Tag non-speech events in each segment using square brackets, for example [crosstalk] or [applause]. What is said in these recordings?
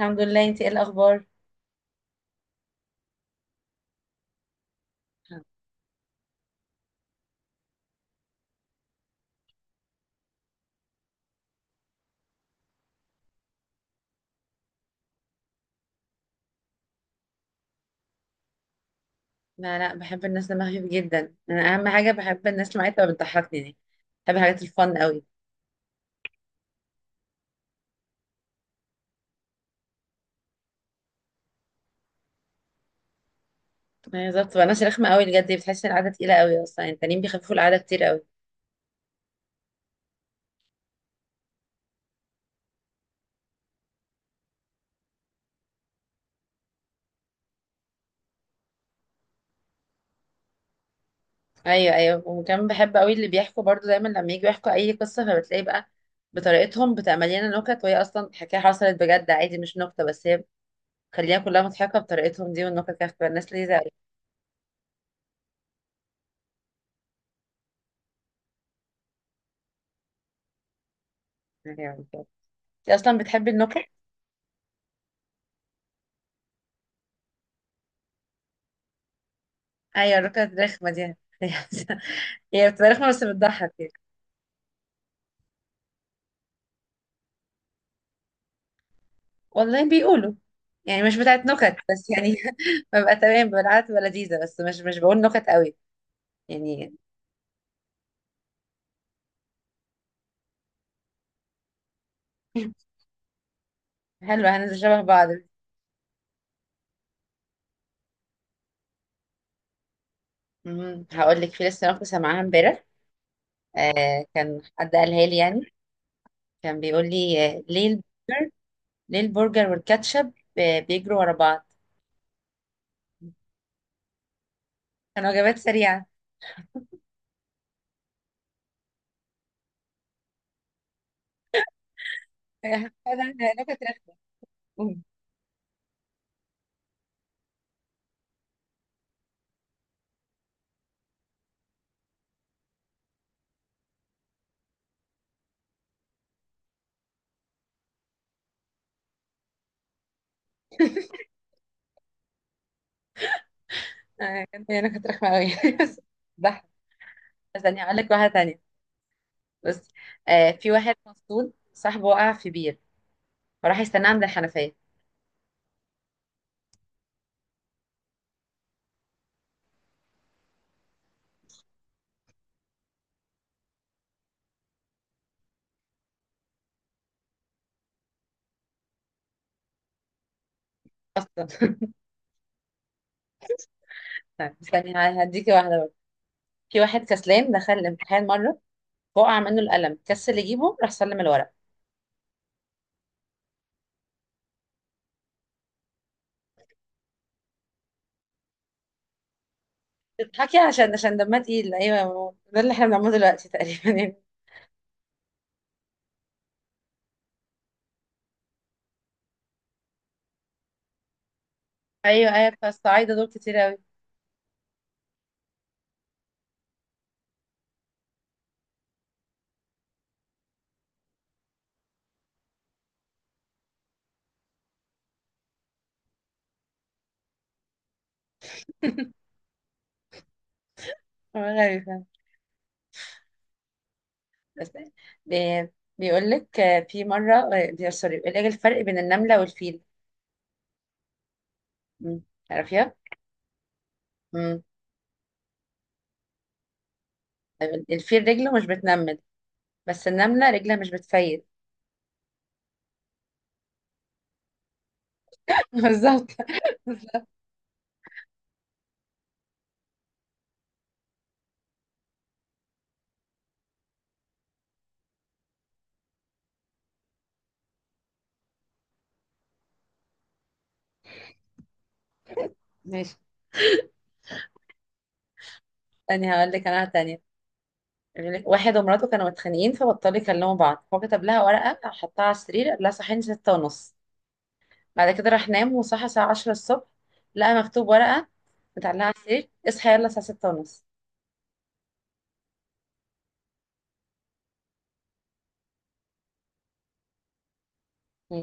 الحمد لله. انتي ايه الاخبار؟ لا، لا، بحب الناس دماغها خفيف جدا. انا اهم حاجه بحب الناس اللي معايا تبقى بتضحكني دي. بحب الحاجات الفن قوي. ايوه، بالظبط. بتبقى ناس رخمه قوي بجد. بتحس ان القعده تقيله قوي اصلا، يعني التانيين بيخففوا القعده كتير قوي. ايوه، ايوه، وكمان بحب قوي اللي بيحكوا برضو دايما لما يجوا يحكوا اي قصه، فبتلاقي بقى بطريقتهم بتعمل لنا نكت، وهي اصلا حكايه حصلت بجد عادي مش نكته، بس هي خليها كلها مضحكه بطريقتهم دي. والنكت كانت بتبقى الناس لذيذه قوي. ايوه، بالظبط. انت اصلا بتحبي النكت؟ ايوه، الركنة الرخمة دي [laughs] هي بتبقى رخمة بس بتضحك يعني. والله بيقولوا. يعني مش بتاعت نكت بس يعني. [laughs] ببقى تمام بالعادة، ببقى لذيذة، بس مش بقول نكت قوي يعني. حلو، هننزل شبه بعض. مم. هقول لك في لسه نكتة سامعاها امبارح. كان حد قالها لي يعني. كان بيقول لي ليه البرجر. ليه البرجر والكاتشب، بيجروا ورا بعض. كان وجبات سريعة. [laughs] فعلا، نكت رخمة. مم. كانت هي نكت رخمة قوي. [laughs] بس. استني هقول لك واحده تانية. بصي. في واحد مفصول صاحبه وقع في بير، فراح يستناه عند الحنفيه. اصلا. [laughs] طيب، استني هديكي واحده بقى. في واحد كسلان دخل الامتحان مره، وقع منه القلم، كسل يجيبه، راح سلم الورق. تضحكي عشان دمها تقيل، ايوه، ده اللي احنا بنعمله دلوقتي تقريبا يعني. ايوه، ايوه، فالصعايده دول كتير قوي. غريبه. بس. بي- بيقول لك في مره، آه، بي- سوري بيقول لك الفرق بين النمله والفيل. مم. تعرفيها؟ مم. طيب، الفيل رجله مش بتنمل، بس النملة رجلها مش بتفيد. [laughs] بالظبط. ماشي. تاني هقول لك انا تانية. بيقول لك واحد ومراته كانوا متخانقين، فبطلوا يكلموا بعض. هو كتب لها ورقة، حطها على السرير، قال لها صحيني 6:30. بعد كده راح نام، وصحى الساعة 10 الصبح. لقى مكتوب ورقة متعلقة على السرير: اصحى يلا الساعة 6:30. مم.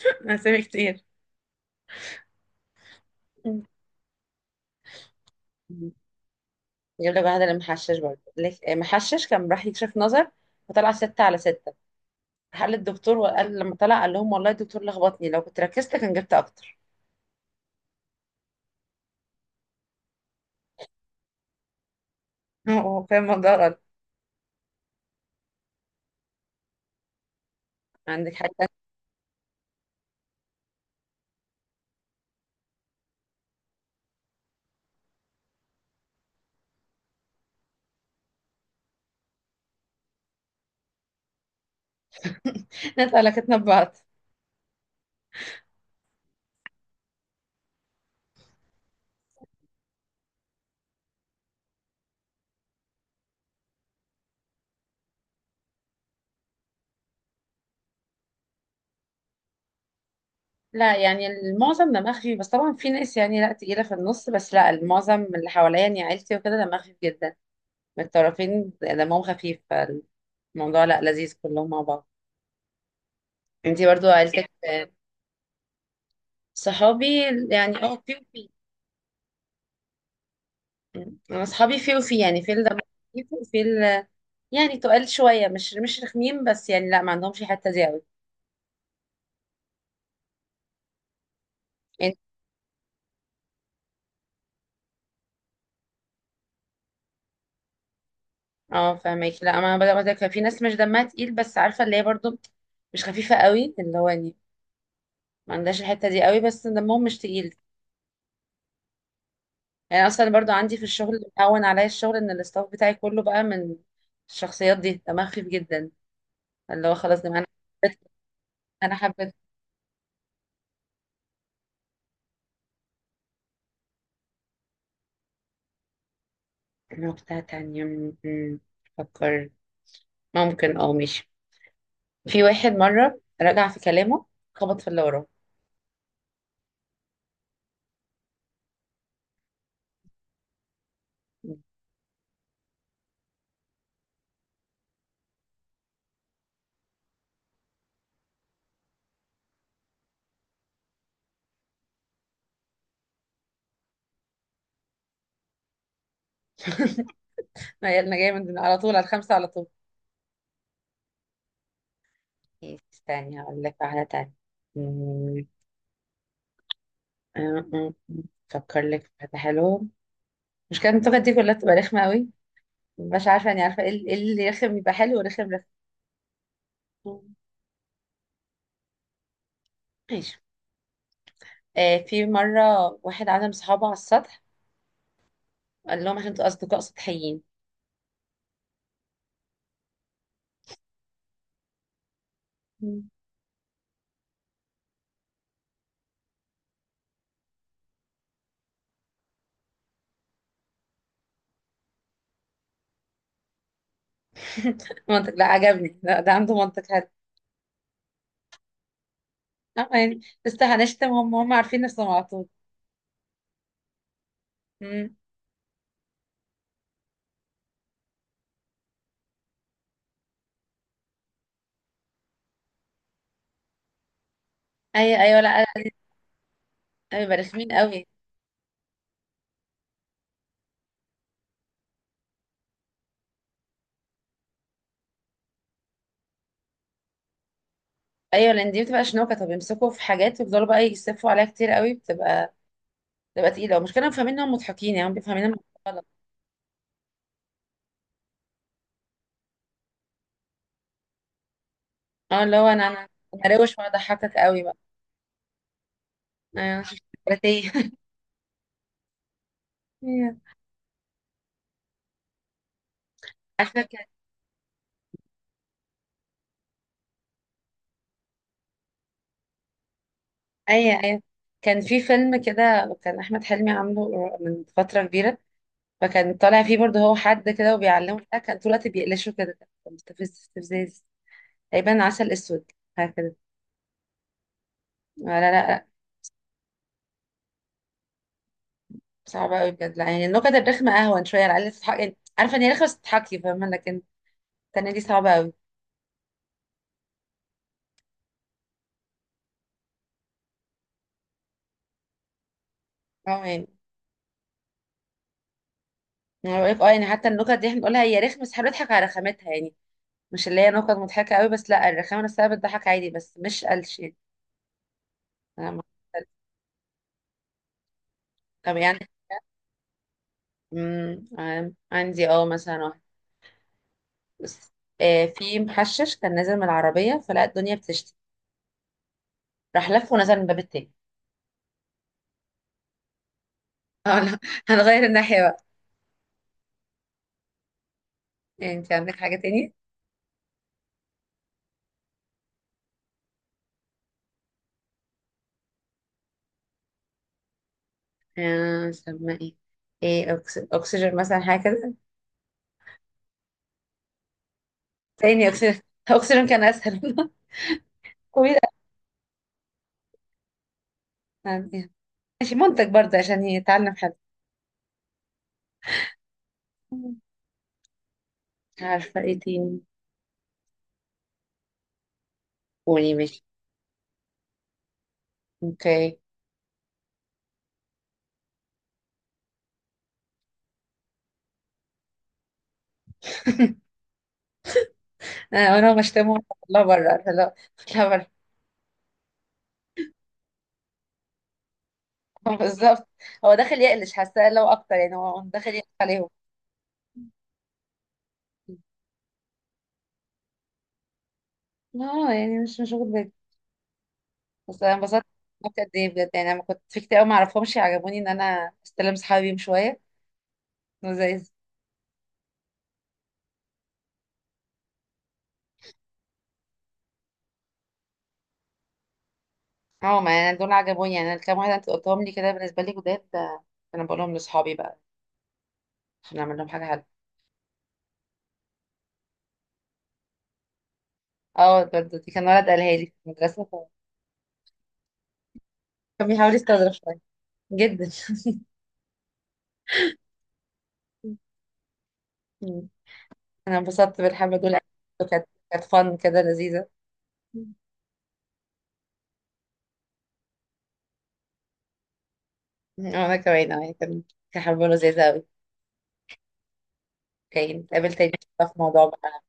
[laughs] أسامي كتير. مم. يجيب لك واحدة المحشش برضه، يقول لك محشش كان راح يكشف نظر، وطلع 6/6. راح قال للدكتور، وقال لما طلع قال لهم: والله الدكتور لخبطني، لو كنت ركزت كان جبت أكتر. [laughs] هو فاهم الموضوع. عندك حاجة تانية؟ [laughs] نتقلقتنا ببعض. لا، يعني المعظم دماغ خفيف، بس طبعا في ناس يعني لا تقيلة في النص، بس لا، المعظم اللي حواليا يعني عيلتي وكده دماغ خفيف جدا. من الطرفين دمهم خفيف، فالموضوع لا، لذيذ كلهم مع بعض. انتي برضو عيلتك؟ صحابي؟ يعني في وفي. انا اصحابي في وفي، يعني في اللي دمهم خفيف، وفي اللي يعني تقال شوية، مش رخمين، بس يعني لا، ما عندهمش الحتة دي قوي. اه، فاهمك. لا، ما انا بدأ كان في ناس مش دمها تقيل، بس عارفه اللي هي برضو مش خفيفه قوي، اللي هو يعني ما عندهاش الحته دي قوي، بس دمهم مش تقيل. يعني اصلا برضو عندي في الشغل اللي مهون عليا الشغل، ان الاستاف بتاعي كله بقى من الشخصيات دي دمها خفيف جدا، اللي هو خلاص دماغ انا. حبيت. انا حبيت. نقطه تانية. فكر. ممكن ماشي. في واحد مره رجع في كلامه، خبط في اللي وراه. [laughs] ما هي انا جايه من على طول على الخمسه على طول. إيه، استني هقول لك واحده تانية. آه، آه، فكر لك في حاجة حلوة. مش كان التوكة دي كلها تبقى رخمة قوي. مش عارفة يعني، عارفة ايه إيه اللي رخم يبقى حلو، ورخم رخم. أم. ماشي. في مرة واحد عزم صحابه على السطح، قال لهم عشان انتوا أصدقاء سطحيين. مم. [laughs] منطق، لا عجبني، لا ده عنده منطق حلو. اه يعني، بس هنشتم. هم هم عارفين نفسهم على طول. مم. ايوه، ايوه، لا. لا، بيبقى رخمين قوي. ايوه، لان دي بتبقى شنوكه. طب يمسكوا في حاجات ويفضلوا بقى يسفوا عليها كتير قوي، بتبقى تقيله، ومش كانوا فاهمين انهم مضحكين يعني، هم بيفهمين إنهم. اه، اللي هو انا أنا هروش واضحكك قوي بقى. انا شفت كاراتيه. [laughs] أيوة. عارفه كان. ايوه، ايوه، كان في فيلم كده، وكان احمد حلمي عامله من فتره كبيره. فكان طالع فيه برضه هو حد كده وبيعلمه بتاع، كان طول الوقت بيقلشه كده. كان مستفز استفزاز. تقريبا عسل اسود، حاجه كده. لا، لا، لا. صعبه قوي بجد، لا، يعني النكت الرخمه اهون شويه، على الاقل تضحك، يعني عارفه ان هي رخمه بس تضحكي، فاهمه، لكن التانيه دي صعبه قوي. اه يعني، انا بقول لك اه يعني حتى النكت دي احنا بنقولها هي رخمه، بس احنا بنضحك على رخامتها يعني، مش اللي هي نكت مضحكة قوي، بس لا، الرخامة نفسها بتضحك عادي، بس مش قلش يعني. أنا ما- طب يعني. مم، عندي مثلا واحد. بس. في محشش كان نازل من العربية، فلقى الدنيا بتشتي، راح لف ونزل من الباب التاني. [laughs] اه، لا. هنغير الناحية بقى. يعني انت عندك حاجة تاني؟ سمى ايه؟ ايه، اكسجين مثلا، حاجة كده. تاني اكسجين. اكسجين كان اسهل. [laughs] كويس. يعني ماشي. منتج برضه عشان يتعلم حد. عارفة ايه تاني. قولي، ماشي. اوكي. انا بشتمه. لا، بره، لا. لا، بره. [laughs] بالظبط. هو داخل يقلش حاساه لو اكتر، يعني هو داخل يقلش عليهم. اه يعني، مش واخد بالي. بس انا انبسطت. انبسطت قد ايه بجد، يعني انا كنت في كتير قوي ما اعرفهمش، عجبوني ان انا استلم صحابي بيهم شويه لذيذ. اه، ما يعني دول عجبوني، يعني الكام واحد انت قلتهم لي كده بالنسبه لي جداد. انا بقولهم لاصحابي بقى عشان اعمل لهم حاجه حلوه. اه، برضه دي كان ولد قالها لي في المدرسه. كان بيحاول يستظرف شويه. جدا. [laughs] انا انبسطت بالحبة دول. كانت فن كده لذيذة. مم. وانا كمان. انا كان حبة لذيذة اوي. اوكي، نتقابل تاني، في موضوع بقى.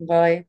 باي.